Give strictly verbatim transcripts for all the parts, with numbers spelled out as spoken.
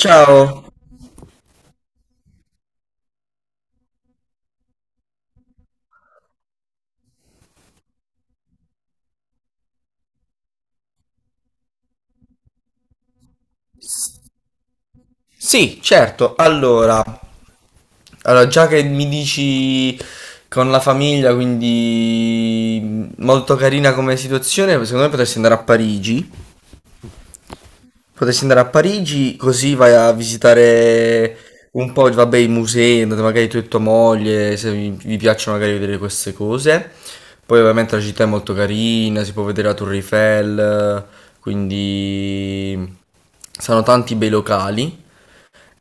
Ciao. Sì, certo. Allora, allora, già che mi dici con la famiglia, quindi mh, molto carina come situazione, secondo me potresti andare a Parigi. Potresti andare a Parigi così vai a visitare un po', vabbè, i musei, andate magari tu e tua moglie, se vi, vi piacciono magari vedere queste cose. Poi ovviamente la città è molto carina, si può vedere la Torre Eiffel, quindi mm, saranno tanti bei locali.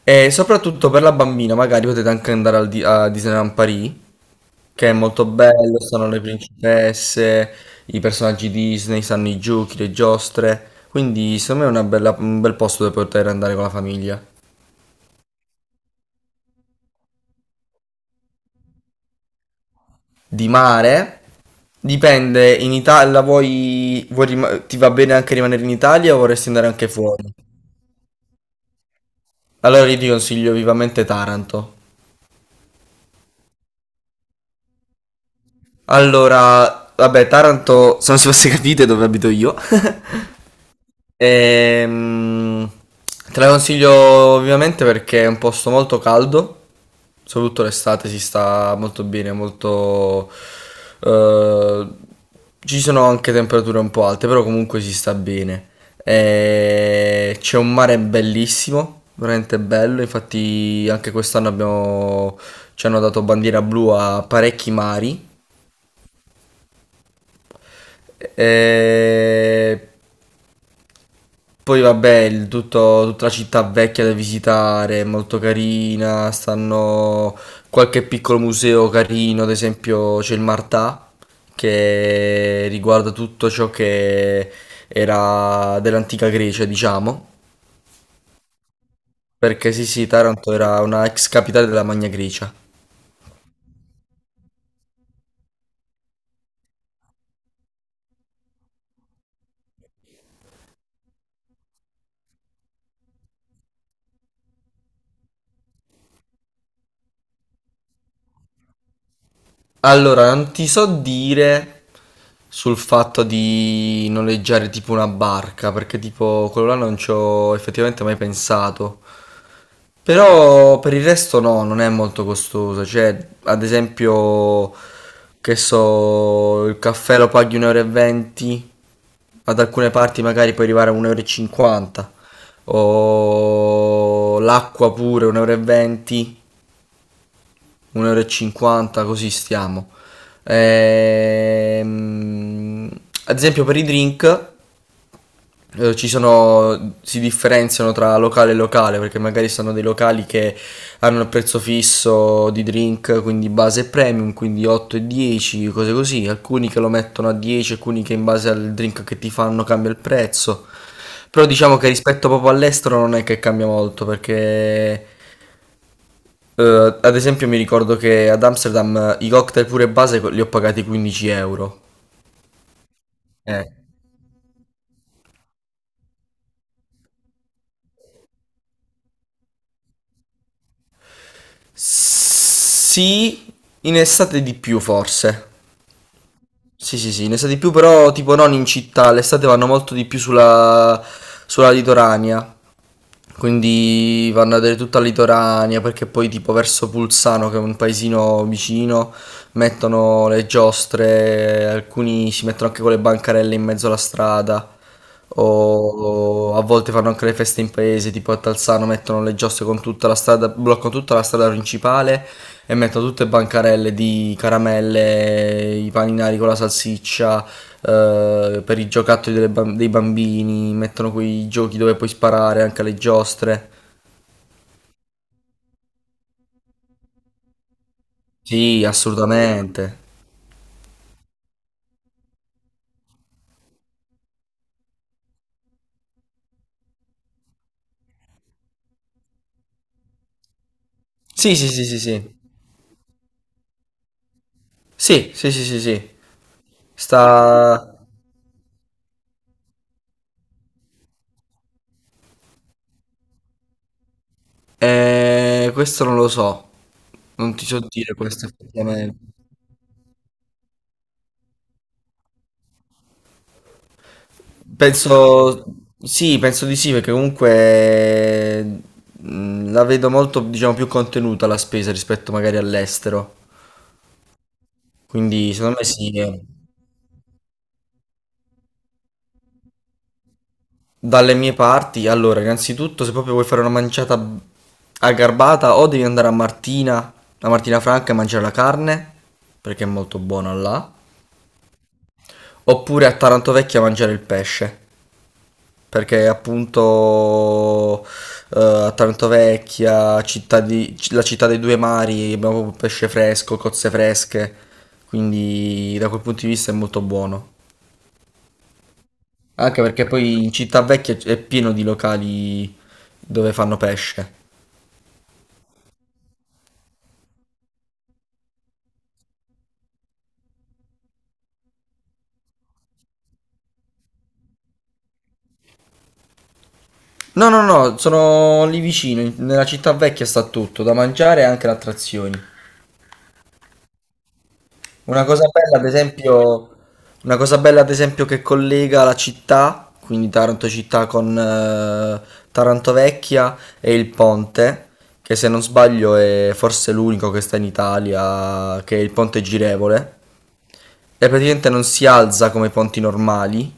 E soprattutto per la bambina, magari potete anche andare al di- a Disneyland Paris, che è molto bello, stanno le principesse, i personaggi Disney, stanno i giochi, le giostre. Quindi secondo me è una bella- un bel posto dove poter andare con la famiglia. Di mare, dipende, in Italia vuoi, vuoi rima- ti va bene anche rimanere in Italia o vorresti andare anche fuori? Allora io ti consiglio vivamente Taranto. Allora, vabbè, Taranto, so se non si fosse capite dove abito io. Ehm, te la consiglio ovviamente perché è un posto molto caldo, soprattutto l'estate si sta molto bene, molto... eh, ci sono anche temperature un po' alte, però comunque si sta bene. E c'è un mare bellissimo, veramente bello, infatti anche quest'anno abbiamo, ci hanno dato bandiera blu a parecchi mari. E Poi vabbè, il tutto- tutta la città vecchia da visitare, è molto carina, stanno qualche piccolo museo carino, ad esempio c'è il Martà, che riguarda tutto ciò che era dell'antica Grecia, diciamo, perché sì sì, Taranto era una ex capitale della Magna Grecia. Allora, non ti so dire sul fatto di noleggiare tipo una barca, perché tipo quello là non ci ho effettivamente mai pensato. Però per il resto no, non è molto costoso. Cioè, ad esempio, che so, il caffè lo paghi uno e venti euro, e venti, ad alcune parti magari puoi arrivare a un euro e cinquanta, e cinquanta, o l'acqua pure un euro e venti, un euro e cinquanta, e cinquanta, così stiamo. Ehm, ad esempio per i drink eh, ci sono, si differenziano tra locale e locale perché magari sono dei locali che hanno un prezzo fisso di drink, quindi base e premium, quindi otto e dieci, cose così. Alcuni che lo mettono a dieci, alcuni che in base al drink che ti fanno cambia il prezzo. Però diciamo che rispetto proprio all'estero non è che cambia molto perché eh, ad esempio mi ricordo che ad Amsterdam eh, i cocktail pure base li ho pagati quindici euro. Eh. Sì, in estate di più forse. Sì, sì, sì, ne sa di più, però tipo non in città, l'estate vanno molto di più sulla, sulla litoranea, quindi vanno a vedere tutta la litoranea, perché poi tipo verso Pulsano, che è un paesino vicino, mettono le giostre, alcuni si mettono anche con le bancarelle in mezzo alla strada, o, o a volte fanno anche le feste in paese, tipo a tal Alzano mettono le giostre con tutta la strada, bloccano tutta la strada principale e mettono tutte bancarelle di caramelle, i paninari con la salsiccia, eh, per i giocattoli delle bam- dei bambini, mettono quei giochi dove puoi sparare anche alle giostre. Sì, assolutamente. Sì, sì, sì, sì, sì. Sì, sì, sì, sì, sì. Sta... Eh, questo non lo so. Non ti so dire questo effettivamente. Penso, sì, penso di sì, perché comunque mh, la vedo molto, diciamo, più contenuta la spesa rispetto magari all'estero. Quindi, secondo me sì, eh. Dalle mie parti, allora, innanzitutto, se proprio vuoi fare una manciata aggarbata, o devi andare a Martina, a Martina Franca e mangiare la carne, perché è molto buona là, oppure a Taranto Vecchia a mangiare il pesce. Perché appunto eh, a Taranto Vecchia, città di- la città dei due mari, abbiamo proprio pesce fresco, cozze fresche, quindi da quel punto di vista è molto buono. Anche perché poi in Città Vecchia è pieno di locali dove fanno pesce. No, no, no, sono lì vicino, in- nella Città Vecchia sta tutto, da mangiare e anche le attrazioni. Una cosa bella, ad esempio, una cosa bella, ad esempio, che collega la città, quindi Taranto città con eh, Taranto Vecchia e il ponte, che se non sbaglio è forse l'unico che sta in Italia, che è il ponte girevole. E praticamente non si alza come i ponti normali,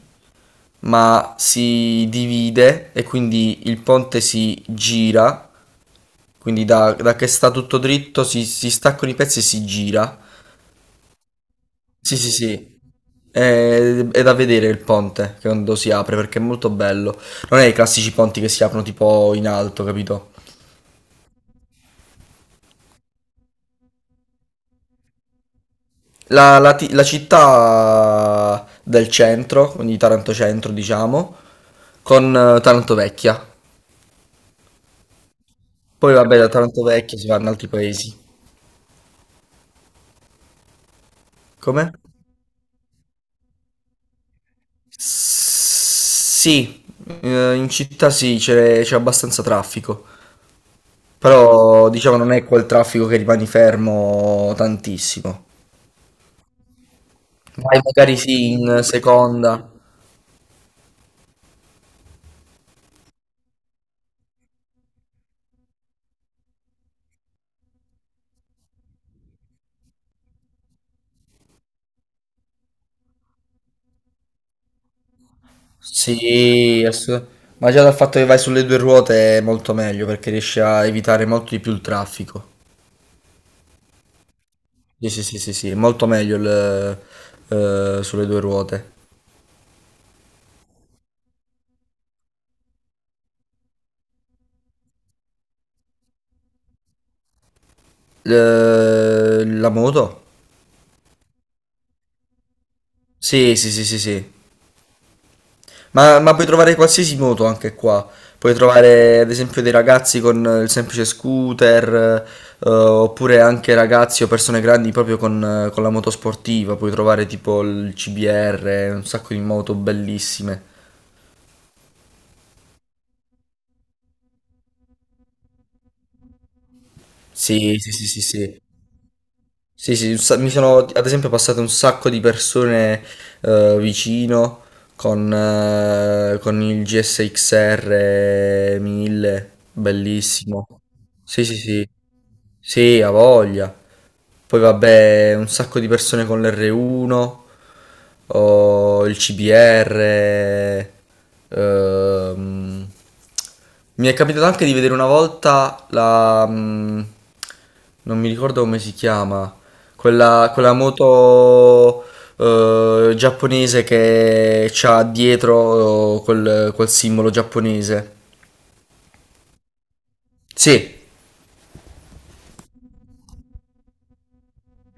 ma si divide e quindi il ponte si gira, quindi da, da che sta tutto dritto si, si staccano i pezzi e si gira. Sì, sì, sì. È, è da vedere il ponte che quando si apre perché è molto bello. Non è i classici ponti che si aprono tipo in alto, capito? La, la ti- la città del centro, quindi Taranto centro, diciamo, con eh, Taranto vecchia. Poi vabbè, da Taranto vecchia si va in altri paesi. Come? Sì, eh, in città sì, c'è c'è abbastanza traffico. Però diciamo non è quel traffico che rimani fermo tantissimo. Vai magari sì, in seconda. Sì, ass- ma già dal fatto che vai sulle due ruote è molto meglio perché riesci a evitare molto di più il traffico. Sì, sì, sì, sì, sì, è molto meglio il, eh, sulle due ruote. Eh, la moto? Sì, sì, sì, sì, sì. Ma, ma puoi trovare qualsiasi moto anche qua. Puoi trovare ad esempio dei ragazzi con eh, il semplice scooter, eh, oppure anche ragazzi o persone grandi proprio con, eh, con la moto sportiva. Puoi trovare tipo il C B R, un sacco di moto bellissime. Sì, sì, sì, sì, sì. Sì, sì, un sa- mi sono ad esempio passate un sacco di persone eh, vicino con, eh, con il G S X R mille, bellissimo. Sì, sì, sì. Sì, ha voglia. Poi vabbè, un sacco di persone con l'R uno, o il C B R. ehm. Mi è capitato anche di vedere una volta la... mm, non mi ricordo come si chiama, quella, quella moto eh, giapponese che c'ha dietro eh, quel, quel simbolo giapponese. Sì.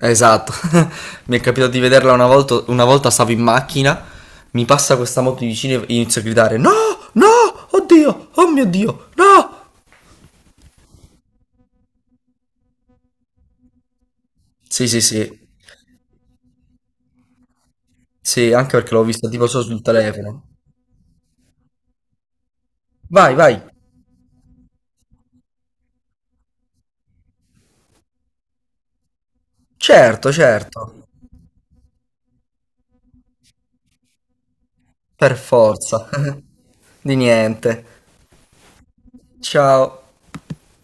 Esatto, mi è capitato di vederla una volta, una volta stavo in macchina, mi passa questa moto di vicino e inizio a gridare no, no, oddio, oh mio Dio, no! Sì, sì, sì, sì, anche perché l'ho vista tipo solo sul telefono. Vai, vai, certo, certo, per forza. Di niente. Ciao.